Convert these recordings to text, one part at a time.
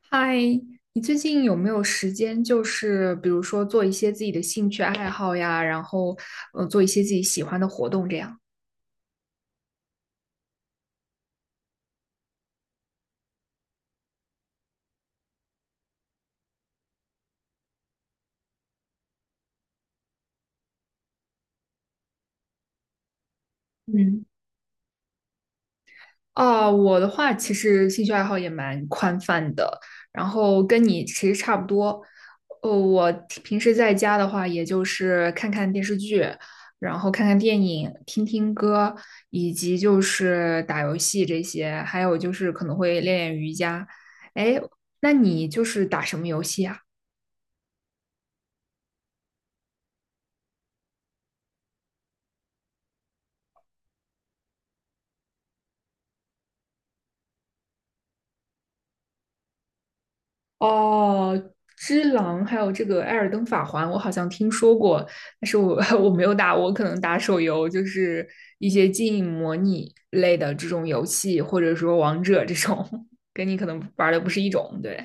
嗨，你最近有没有时间？就是比如说做一些自己的兴趣爱好呀，然后做一些自己喜欢的活动这样。嗯，哦，我的话其实兴趣爱好也蛮宽泛的，然后跟你其实差不多。我平时在家的话，也就是看看电视剧，然后看看电影，听听歌，以及就是打游戏这些，还有就是可能会练练瑜伽。哎，那你就是打什么游戏啊？哦，《只狼》还有这个《艾尔登法环》，我好像听说过，但是我 我没有打，我可能打手游，就是一些经营模拟类的这种游戏，或者说王者这种，跟你可能玩的不是一种，对。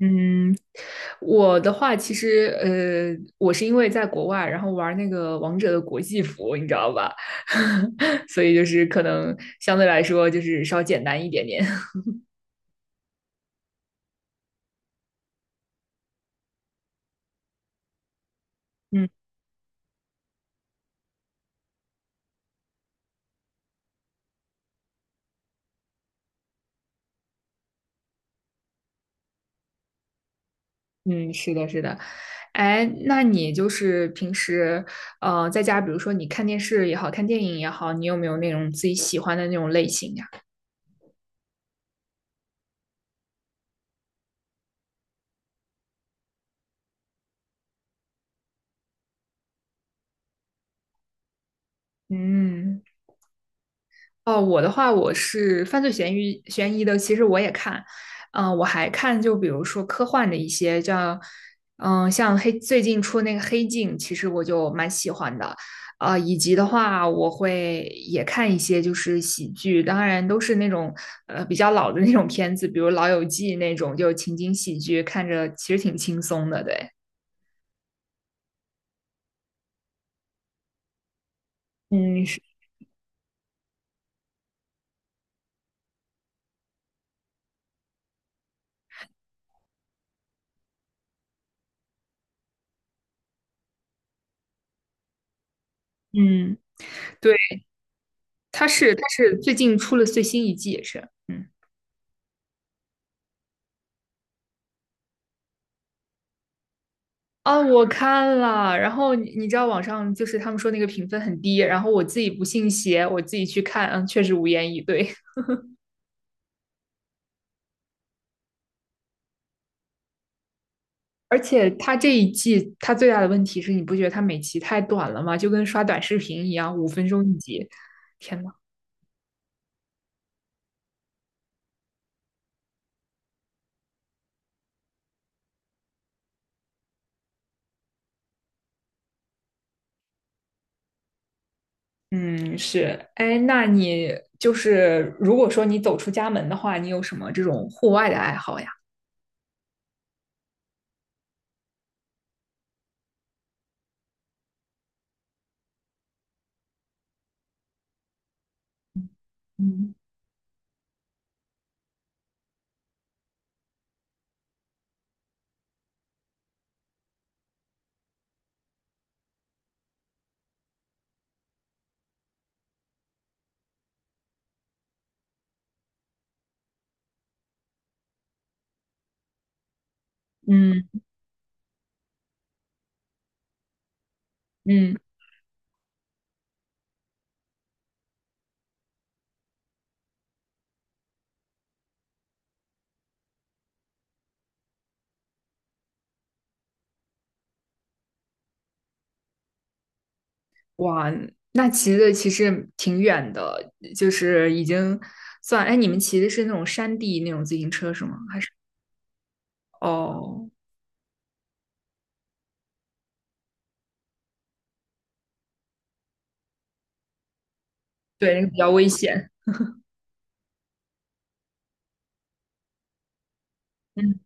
嗯，我的话其实，我是因为在国外，然后玩那个王者的国际服，你知道吧？所以就是可能相对来说就是稍简单一点点。嗯。嗯，是的，是的，哎，那你就是平时，在家，比如说你看电视也好看电影也好，你有没有那种自己喜欢的那种类型呀？嗯。哦，我的话，我是犯罪悬疑的，其实我也看，我还看，就比如说科幻的一些，像最近出那个《黑镜》，其实我就蛮喜欢的，啊、以及的话，我会也看一些就是喜剧，当然都是那种比较老的那种片子，比如《老友记》那种，就情景喜剧，看着其实挺轻松的，对，嗯，是，嗯，对，它是最近出了最新一季，也是，嗯。啊，我看了，然后你知道网上就是他们说那个评分很低，然后我自己不信邪，我自己去看，嗯，确实无言以对。而且他这一季他最大的问题是你不觉得他每集太短了吗？就跟刷短视频一样，5分钟一集。天呐，嗯，是，哎，那你就是如果说你走出家门的话，你有什么这种户外的爱好呀？嗯嗯嗯。哇，那骑的其实挺远的，就是已经算，哎，你们骑的是那种山地那种自行车是吗？哦，对，那个比较危险。嗯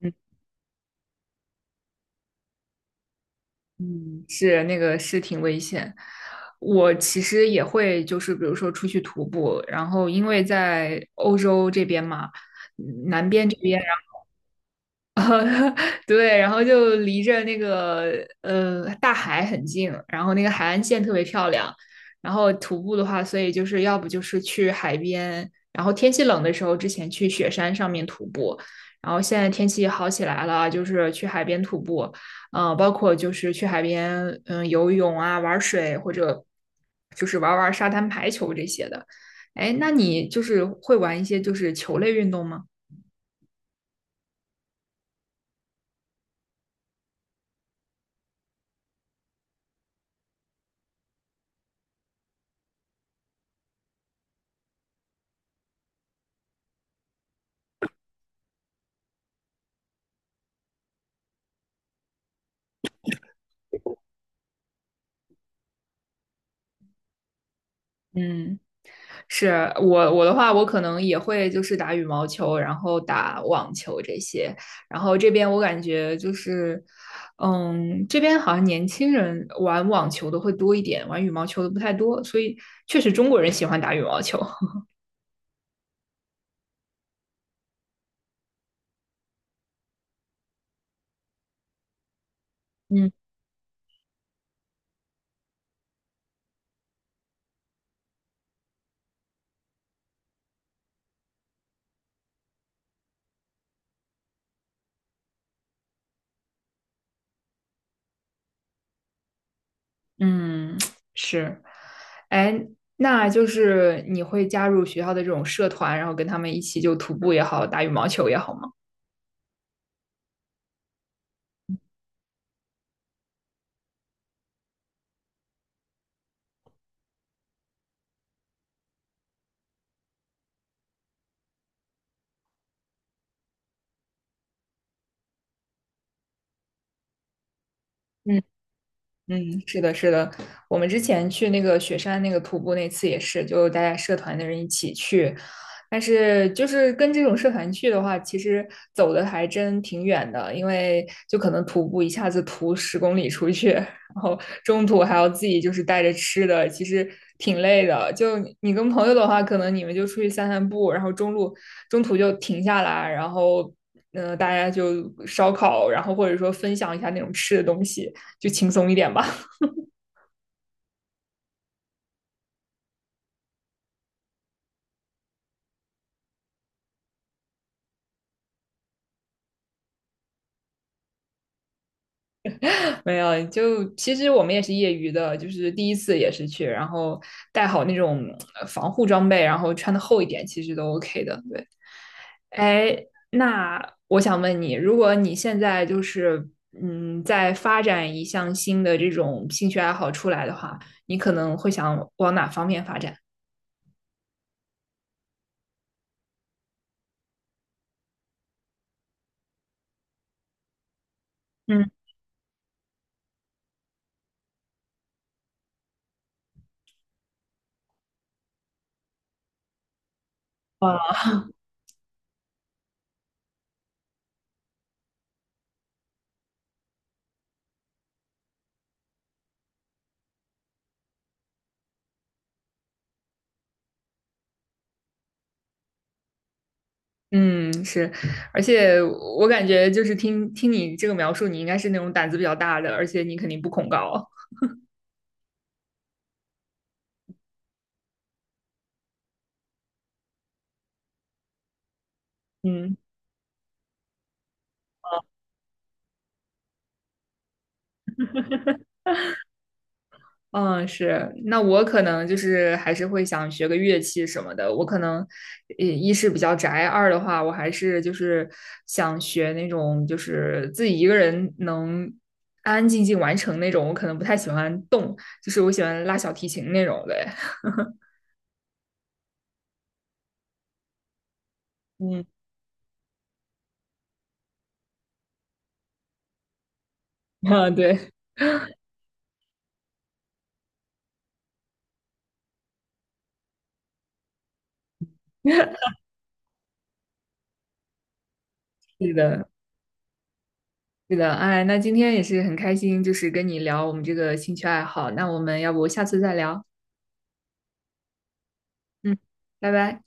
嗯嗯，是那个是挺危险。我其实也会，就是比如说出去徒步，然后因为在欧洲这边嘛，南边这边。对，然后就离着那个大海很近，然后那个海岸线特别漂亮。然后徒步的话，所以就是要不就是去海边，然后天气冷的时候之前去雪山上面徒步，然后现在天气好起来了，就是去海边徒步，包括就是去海边游泳啊、玩水或者就是玩玩沙滩排球这些的。哎，那你就是会玩一些就是球类运动吗？嗯，是我的话，我可能也会就是打羽毛球，然后打网球这些。然后这边我感觉就是，这边好像年轻人玩网球的会多一点，玩羽毛球的不太多。所以确实中国人喜欢打羽毛球。嗯，嗯，是。哎，那就是你会加入学校的这种社团，然后跟他们一起就徒步也好，打羽毛球也好吗？嗯，是的，是的，我们之前去那个雪山那个徒步那次也是，就大家社团的人一起去，但是就是跟这种社团去的话，其实走的还真挺远的，因为就可能徒步一下子徒10公里出去，然后中途还要自己就是带着吃的，其实挺累的。就你跟朋友的话，可能你们就出去散散步，然后中途就停下来，然后大家就烧烤，然后或者说分享一下那种吃的东西。就轻松一点吧。没有，就其实我们也是业余的，就是第一次也是去，然后带好那种防护装备，然后穿的厚一点，其实都 OK 的。对，哎，那我想问你，如果你现在就是在发展一项新的这种兴趣爱好出来的话，你可能会想往哪方面发展？嗯，啊嗯，是，而且我感觉就是听听你这个描述，你应该是那种胆子比较大的，而且你肯定不恐高。嗯嗯，是，那我可能就是还是会想学个乐器什么的。我可能，一是比较宅，二的话，我还是就是想学那种就是自己一个人能安安静静完成那种。我可能不太喜欢动，就是我喜欢拉小提琴那种的。嗯，啊，对，是的，是的。哎，那今天也是很开心，就是跟你聊我们这个兴趣爱好。那我们要不下次再聊？嗯，拜拜。